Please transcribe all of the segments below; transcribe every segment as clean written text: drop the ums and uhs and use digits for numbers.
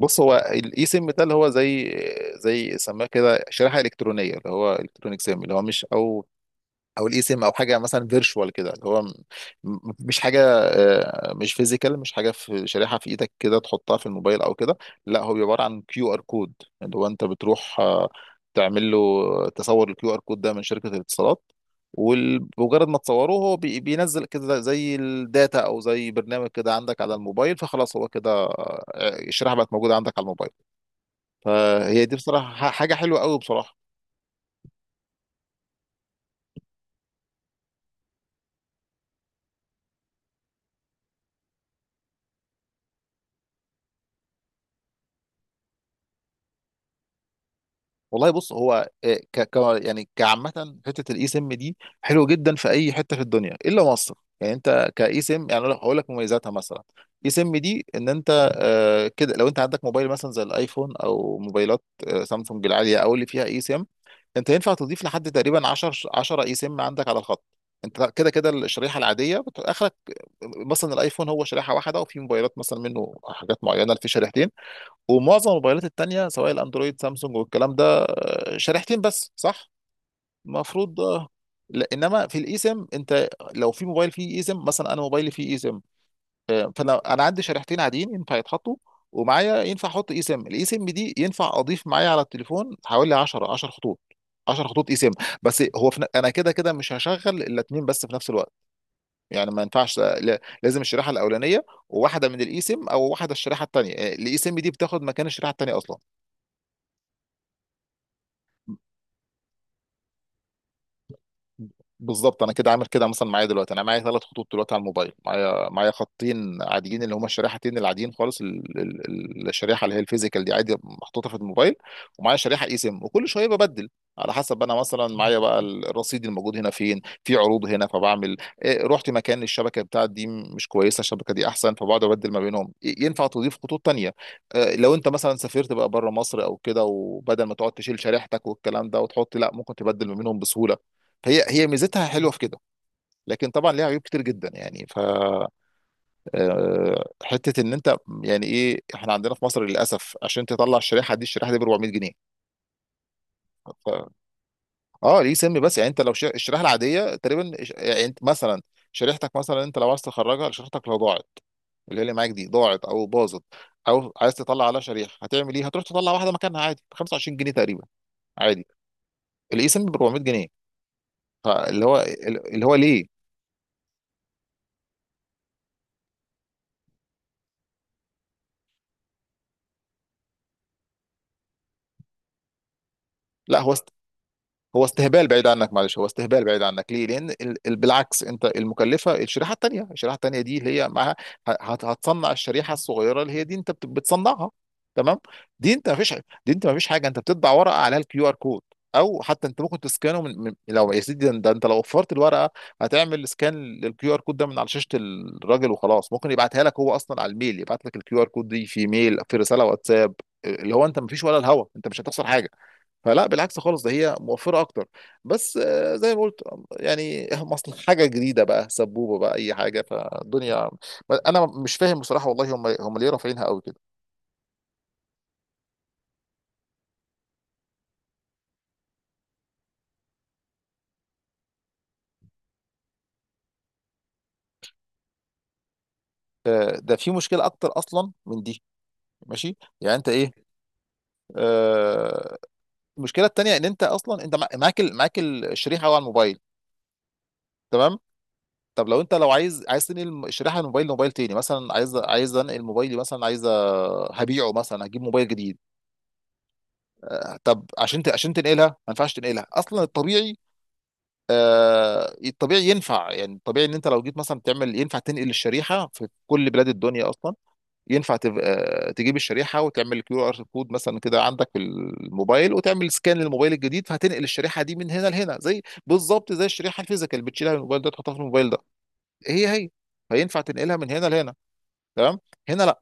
بص، هو الاي سيم ده اللي هو زي سماه كده شريحه الكترونيه، اللي هو الكترونيك سيم، اللي هو مش او الاي سيم، او حاجه مثلا فيرتشوال كده، اللي هو مش حاجه، مش فيزيكال، مش حاجه في شريحه في ايدك كده تحطها في الموبايل او كده. لا، هو بيبقى عباره عن كيو ار كود، اللي هو انت بتروح تعمل له، تصور الكيو ار كود ده من شركه الاتصالات. ومجرد ما تصوره هو بينزل كده زي الداتا او زي برنامج كده عندك على الموبايل، فخلاص هو كده، الشريحه بقت موجوده عندك على الموبايل. فهي دي بصراحه حاجه حلوه قوي بصراحه. والله، بص هو يعني كعامة حتة، الاي سم دي حلو جدا في اي حتة في الدنيا الا مصر. يعني انت كاي سم، يعني أنا هقول لك مميزاتها مثلا. اي سم دي، ان انت كده لو انت عندك موبايل مثلا زي الايفون او موبايلات سامسونج العالية او اللي فيها اي سم، انت ينفع تضيف لحد تقريبا 10 اي سم عندك على الخط. انت كده كده الشريحه العاديه اخرك. مثلا الايفون هو شريحه واحده، وفي موبايلات مثلا منه حاجات معينه اللي في شريحتين. ومعظم الموبايلات التانية سواء الاندرويد سامسونج والكلام ده، شريحتين بس، صح؟ المفروض، لا، انما في الايسم انت، لو في موبايل فيه ايسم، مثلا انا موبايلي فيه ايسم. فانا انا عندي شريحتين عاديين ينفع يتحطوا، ومعايا ينفع احط ايسم. الايسم دي ينفع اضيف معايا على التليفون حوالي 10 خطوط، 10 خطوط ايسم. بس هو في انا كده كده مش هشغل الا اتنين بس في نفس الوقت. يعني ما ينفعش، لازم الشريحه الاولانيه وواحده من الايسم، او واحده الشريحه الثانيه. الايسم دي بتاخد مكان الشريحه الثانيه اصلا. بالظبط، انا كده عامل كده. مثلا معايا دلوقتي، انا معايا ثلاث خطوط دلوقتي على الموبايل. معايا خطين عاديين اللي هما الشريحتين العاديين خالص، الشريحه اللي هي الفيزيكال دي عادي محطوطه في الموبايل. ومعايا شريحه اي سيم، وكل شويه ببدل على حسب. انا مثلا معايا بقى الرصيد الموجود هنا، فين في عروض هنا، فبعمل إيه؟ رحت مكان الشبكه بتاعت دي مش كويسه، الشبكه دي احسن، فبقعد ابدل ما بينهم. إيه، ينفع تضيف خطوط تانية؟ لو انت مثلا سافرت بقى بره مصر او كده، وبدل ما تقعد تشيل شريحتك والكلام ده وتحط، لا، ممكن تبدل ما بينهم بسهوله. هي ميزتها حلوه في كده. لكن طبعا ليها عيوب كتير جدا، يعني. ف آه، حته ان انت، يعني ايه، احنا عندنا في مصر للاسف عشان تطلع الشريحه دي، الشريحه دي ب 400 جنيه. ف... اه ليه سم بس؟ يعني انت لو الشريحه العاديه تقريبا، يعني انت مثلا شريحتك، مثلا انت لو عايز تخرجها، شريحتك لو ضاعت، اللي هي اللي معاك دي ضاعت او باظت، او عايز تطلع على شريحه، هتعمل ايه؟ هتروح تطلع واحده مكانها عادي ب 25 جنيه تقريبا، عادي. الاي سم ب 400 جنيه. فاللي هو اللي هو ليه؟ لا، هو استهبال بعيد عنك. معلش، هو استهبال بعيد عنك، ليه؟ لان بالعكس، انت المكلفه الشريحه الثانيه. الشريحه الثانيه دي اللي هي معاها، هتصنع الشريحه الصغيره اللي هي دي انت بتصنعها، تمام؟ دي انت ما فيش دي انت ما فيش حاجه، انت بتطبع ورقه عليها الكيو ار كود، او حتى انت ممكن تسكانه من لو يا سيدي. ده ده انت لو وفرت الورقه، هتعمل سكان للكيو ار كود ده من على شاشه الراجل وخلاص. ممكن يبعتها لك هو اصلا على الميل، يبعت لك الكيو ار كود دي في ميل، في رساله واتساب. اللي هو انت ما فيش ولا الهوا، انت مش هتخسر حاجه. فلا، بالعكس خالص، ده هي موفرة أكتر. بس زي ما قلت، يعني مصل حاجة جديدة بقى سبوبة بقى أي حاجة فالدنيا. أنا مش فاهم بصراحة، والله هم ليه رافعينها قوي كده. ده في مشكلة أكتر أصلا من دي. ماشي يعني، أنت إيه؟ آه، المشكلة التانية إن أنت أصلا، أنت معاك معاك الشريحة على الموبايل، تمام. طب لو انت، لو عايز تنقل الشريحه من موبايل لموبايل تاني، مثلا عايز انقل موبايلي، مثلا عايز، هبيعه مثلا، هجيب موبايل جديد. طب عشان عشان تنقلها، ما ينفعش تنقلها اصلا الطبيعي. الطبيعي ينفع، يعني الطبيعي ان انت لو جيت مثلا تعمل، ينفع تنقل الشريحه في كل بلاد الدنيا اصلا. ينفع تجيب الشريحه وتعمل كيو ار كود مثلا كده عندك في الموبايل، وتعمل سكان للموبايل الجديد، فهتنقل الشريحه دي من هنا لهنا. زي بالظبط زي الشريحه الفيزيكال، بتشيلها من الموبايل ده تحطها في الموبايل ده، هي. فينفع تنقلها من هنا لهنا، تمام. هنا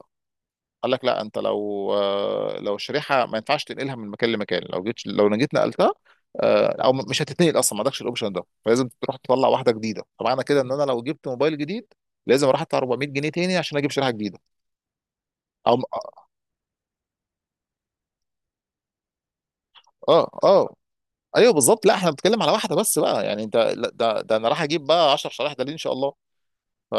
قال لك لا، انت لو، لو الشريحه ما ينفعش تنقلها من مكان لمكان، لو جيت، نقلتها، او مش هتتنقل اصلا، ما عندكش الاوبشن ده. فلازم تروح تطلع واحده جديده. فمعنى كده ان انا لو جبت موبايل جديد، لازم اروح ادفع 400 جنيه تاني عشان اجيب شريحه جديده. او اه اه آه، ايوه بالظبط. لا، احنا بنتكلم على واحده بس بقى، يعني انت لا، ده انا راح اجيب بقى 10 شرايح؟ ده ليه ان شاء الله. ف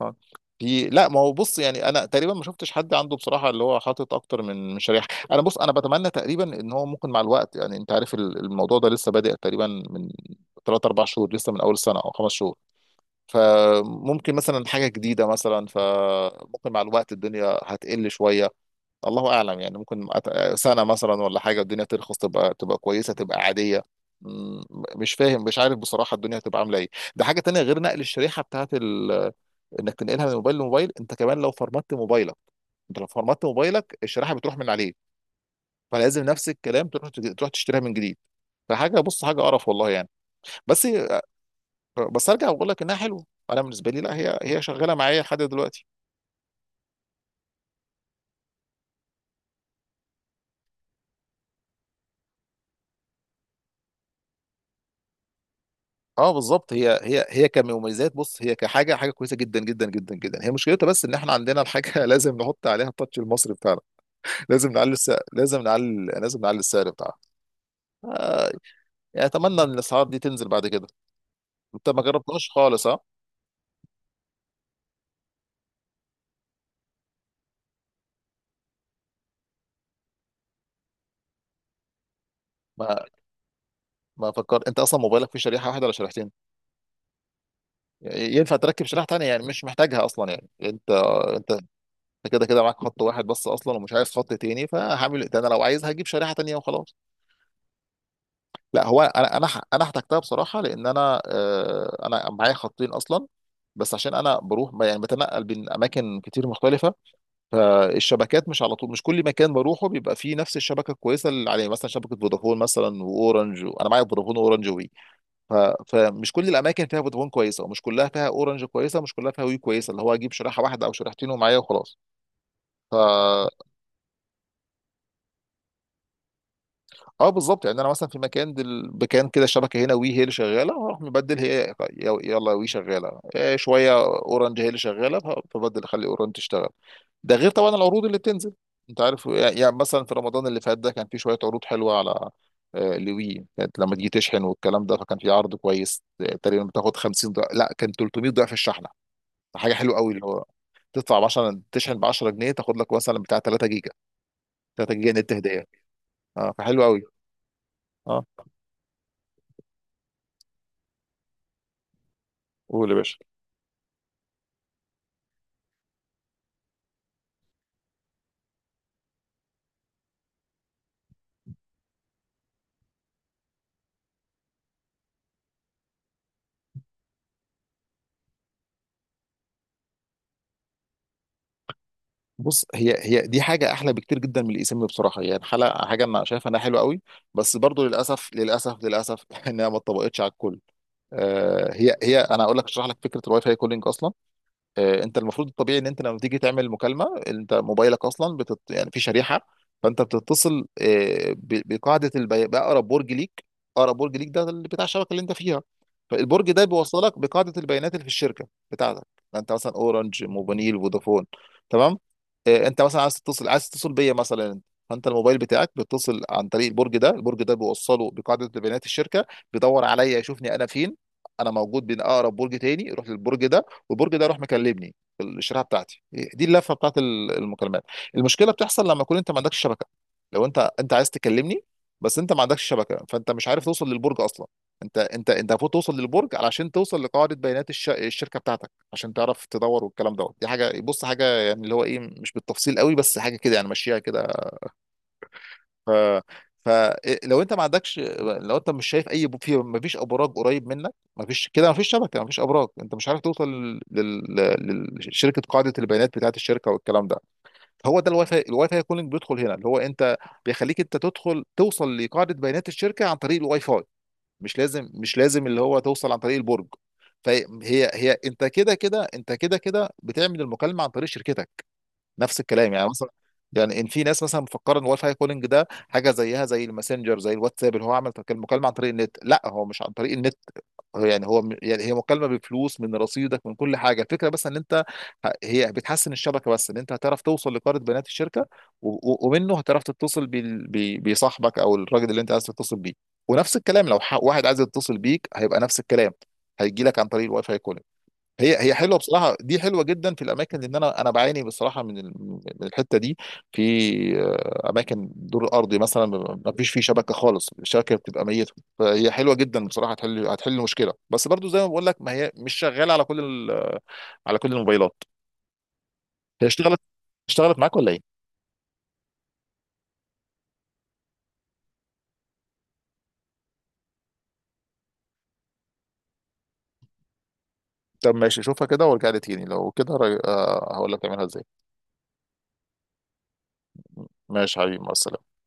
اه. في، لا، ما هو بص، يعني انا تقريبا ما شفتش حد عنده بصراحه اللي هو حاطط اكتر من شريحه. انا بتمنى تقريبا ان هو ممكن مع الوقت، يعني انت عارف الموضوع ده لسه بادئ تقريبا من 3 4 شهور، لسه من اول السنه، او خمس شهور. فممكن مثلا حاجه جديده، مثلا فممكن مع الوقت الدنيا هتقل شويه، الله اعلم. يعني ممكن سنه مثلا ولا حاجه الدنيا ترخص، تبقى كويسه تبقى عاديه. م- مش فاهم، مش عارف بصراحه الدنيا هتبقى عامله ايه. ده حاجه تانية غير نقل الشريحه بتاعت انك تنقلها من موبايل لموبايل. انت كمان لو فرمت موبايلك، الشريحه بتروح من عليه. فلازم نفس الكلام تروح تشتريها من جديد. فحاجه، بص، حاجه قرف والله يعني. بس، بس ارجع واقول لك انها حلوه. انا بالنسبه لي، لا، هي شغاله معايا لحد دلوقتي. اه، بالظبط. هي كمميزات، بص، هي حاجه كويسه جدا جدا جدا جدا. هي مشكلتها بس ان احنا عندنا الحاجه لازم نحط عليها التاتش المصري بتاعنا. لازم نعلي السعر، لازم نعلي السعر بتاعها. يعني اتمنى ان الاسعار دي تنزل بعد كده. انت ما جربتهاش خالص، ها؟ ما فكر، انت اصلا موبايلك فيه شريحه واحده ولا شريحتين؟ يعني ينفع تركب شريحه تانية، يعني مش محتاجها اصلا، يعني انت. انت انت كده كده معاك خط واحد بس اصلا، ومش عايز خط تاني، فهعمل إيه؟ ده انا لو عايز هجيب شريحه تانية وخلاص. لا، هو انا، انا احتجتها بصراحه، لان انا، انا معايا خطين اصلا. بس عشان انا بروح يعني بتنقل بين اماكن كتير مختلفه، فالشبكات مش على طول، مش كل مكان بروحه بيبقى فيه نفس الشبكه الكويسه اللي عليه. مثلا شبكه فودافون مثلا واورنج، انا معايا فودافون واورنج. ف... فمش كل الاماكن فيها فودافون كويسه، ومش كلها فيها اورنج كويسه، ومش كلها فيها وي كويسه، اللي هو اجيب شريحه واحده او شريحتين ومعايا وخلاص. ف اه بالظبط. يعني انا مثلا في مكان مكان كده الشبكه هنا وي هي اللي شغاله، اروح مبدل، هي يلا وي شغاله، إيه، شويه اورنج هي اللي شغاله، فبدل اخلي اورنج تشتغل. ده غير طبعا العروض اللي بتنزل. انت عارف، يعني مثلا في رمضان اللي فات ده كان في شويه عروض حلوه على، لوي كانت لما تيجي تشحن والكلام ده، فكان في عرض كويس، تقريبا بتاخد 50 ضعف، لا، كان 300 ضعف الشحن. حاجه حلوه قوي اللي هو تدفع ب 10، تشحن ب 10 جنيه، تاخد لك مثلا بتاع 3 جيجا، نت هديه. اه، فحلو قوي. اه، قول يا باشا. بص، هي دي حاجه احلى بكتير جدا من الاسم بصراحه. يعني حلقه، حاجه انا شايفها انها حلوه قوي. بس برضو للاسف للاسف للاسف انها ما اتطبقتش على الكل. هي انا اقول لك، اشرح لك فكره الواي فاي كولينج اصلا. انت المفروض الطبيعي ان انت لما تيجي تعمل مكالمه، انت موبايلك اصلا يعني في شريحه. فانت بتتصل باقرب برج ليك. اقرب برج ليك ده اللي بتاع الشبكه اللي انت فيها. فالبرج ده بيوصلك بقاعده البيانات اللي في الشركه بتاعتك. يعني انت مثلا اورنج موبينيل فودافون، تمام. انت مثلا عايز تتصل، بيا مثلا. فانت الموبايل بتاعك بيتصل عن طريق البرج ده. البرج ده بيوصله بقاعده بيانات الشركه، بيدور عليا يشوفني انا فين. انا موجود بين اقرب برج تاني، يروح للبرج ده، والبرج ده راح مكلمني في الشريحه بتاعتي دي. اللفه بتاعت المكالمات. المشكله بتحصل لما يكون انت ما عندكش شبكه. لو انت عايز تكلمني، بس انت ما عندكش شبكه، فانت مش عارف توصل للبرج اصلا. انت المفروض توصل للبرج علشان توصل لقاعده بيانات الشركه بتاعتك، عشان تعرف تدور والكلام دوت. دي حاجه، بص، حاجه يعني اللي هو ايه، مش بالتفصيل قوي، بس حاجه كده يعني ماشيها كده. ف فلو انت ما عندكش، لو انت مش شايف اي في، ما فيش ابراج قريب منك، ما فيش كده، ما فيش شبكه، ما فيش ابراج، انت مش عارف توصل لشركه قاعده البيانات بتاعه الشركه والكلام ده. هو ده الواي فاي، كولينج بيدخل هنا، اللي هو انت، بيخليك انت تدخل توصل لقاعده بيانات الشركه عن طريق الواي فاي. مش لازم، اللي هو توصل عن طريق البرج. فهي، انت كده كده، بتعمل المكالمه عن طريق شركتك، نفس الكلام، يعني مثلا. يعني ان في ناس مثلا مفكره ان الواي فاي كولينج ده حاجه زيها زي الماسنجر زي الواتساب، اللي هو عمل مكالمه عن طريق النت. لا، هو مش عن طريق النت. هو يعني هو يعني هي مكالمه بفلوس من رصيدك، من كل حاجه. الفكره بس ان انت، هي بتحسن الشبكه، بس ان انت هتعرف توصل لقاره بيانات الشركه، ومنه هتعرف تتصل بصاحبك او الراجل اللي انت عايز تتصل بيه. ونفس الكلام لو واحد عايز يتصل بيك، هيبقى نفس الكلام، هيجي لك عن طريق الواي فاي كولينج. هي حلوه بصراحه، دي حلوه جدا في الاماكن، لان انا بعاني بصراحه من من الحته دي. في اماكن دور ارضي مثلا ما فيش فيه شبكه خالص، الشبكه بتبقى ميته. فهي حلوه جدا بصراحه، هتحل، مشكله، بس برضو زي ما بقول لك ما هي مش شغاله على كل على كل الموبايلات. هي اشتغلت، معاك ولا ايه؟ طب ماشي، شوفها كده وارجع لي تاني، لو كده هقول لك تعملها ازاي. ماشي حبيبي، مع السلامه.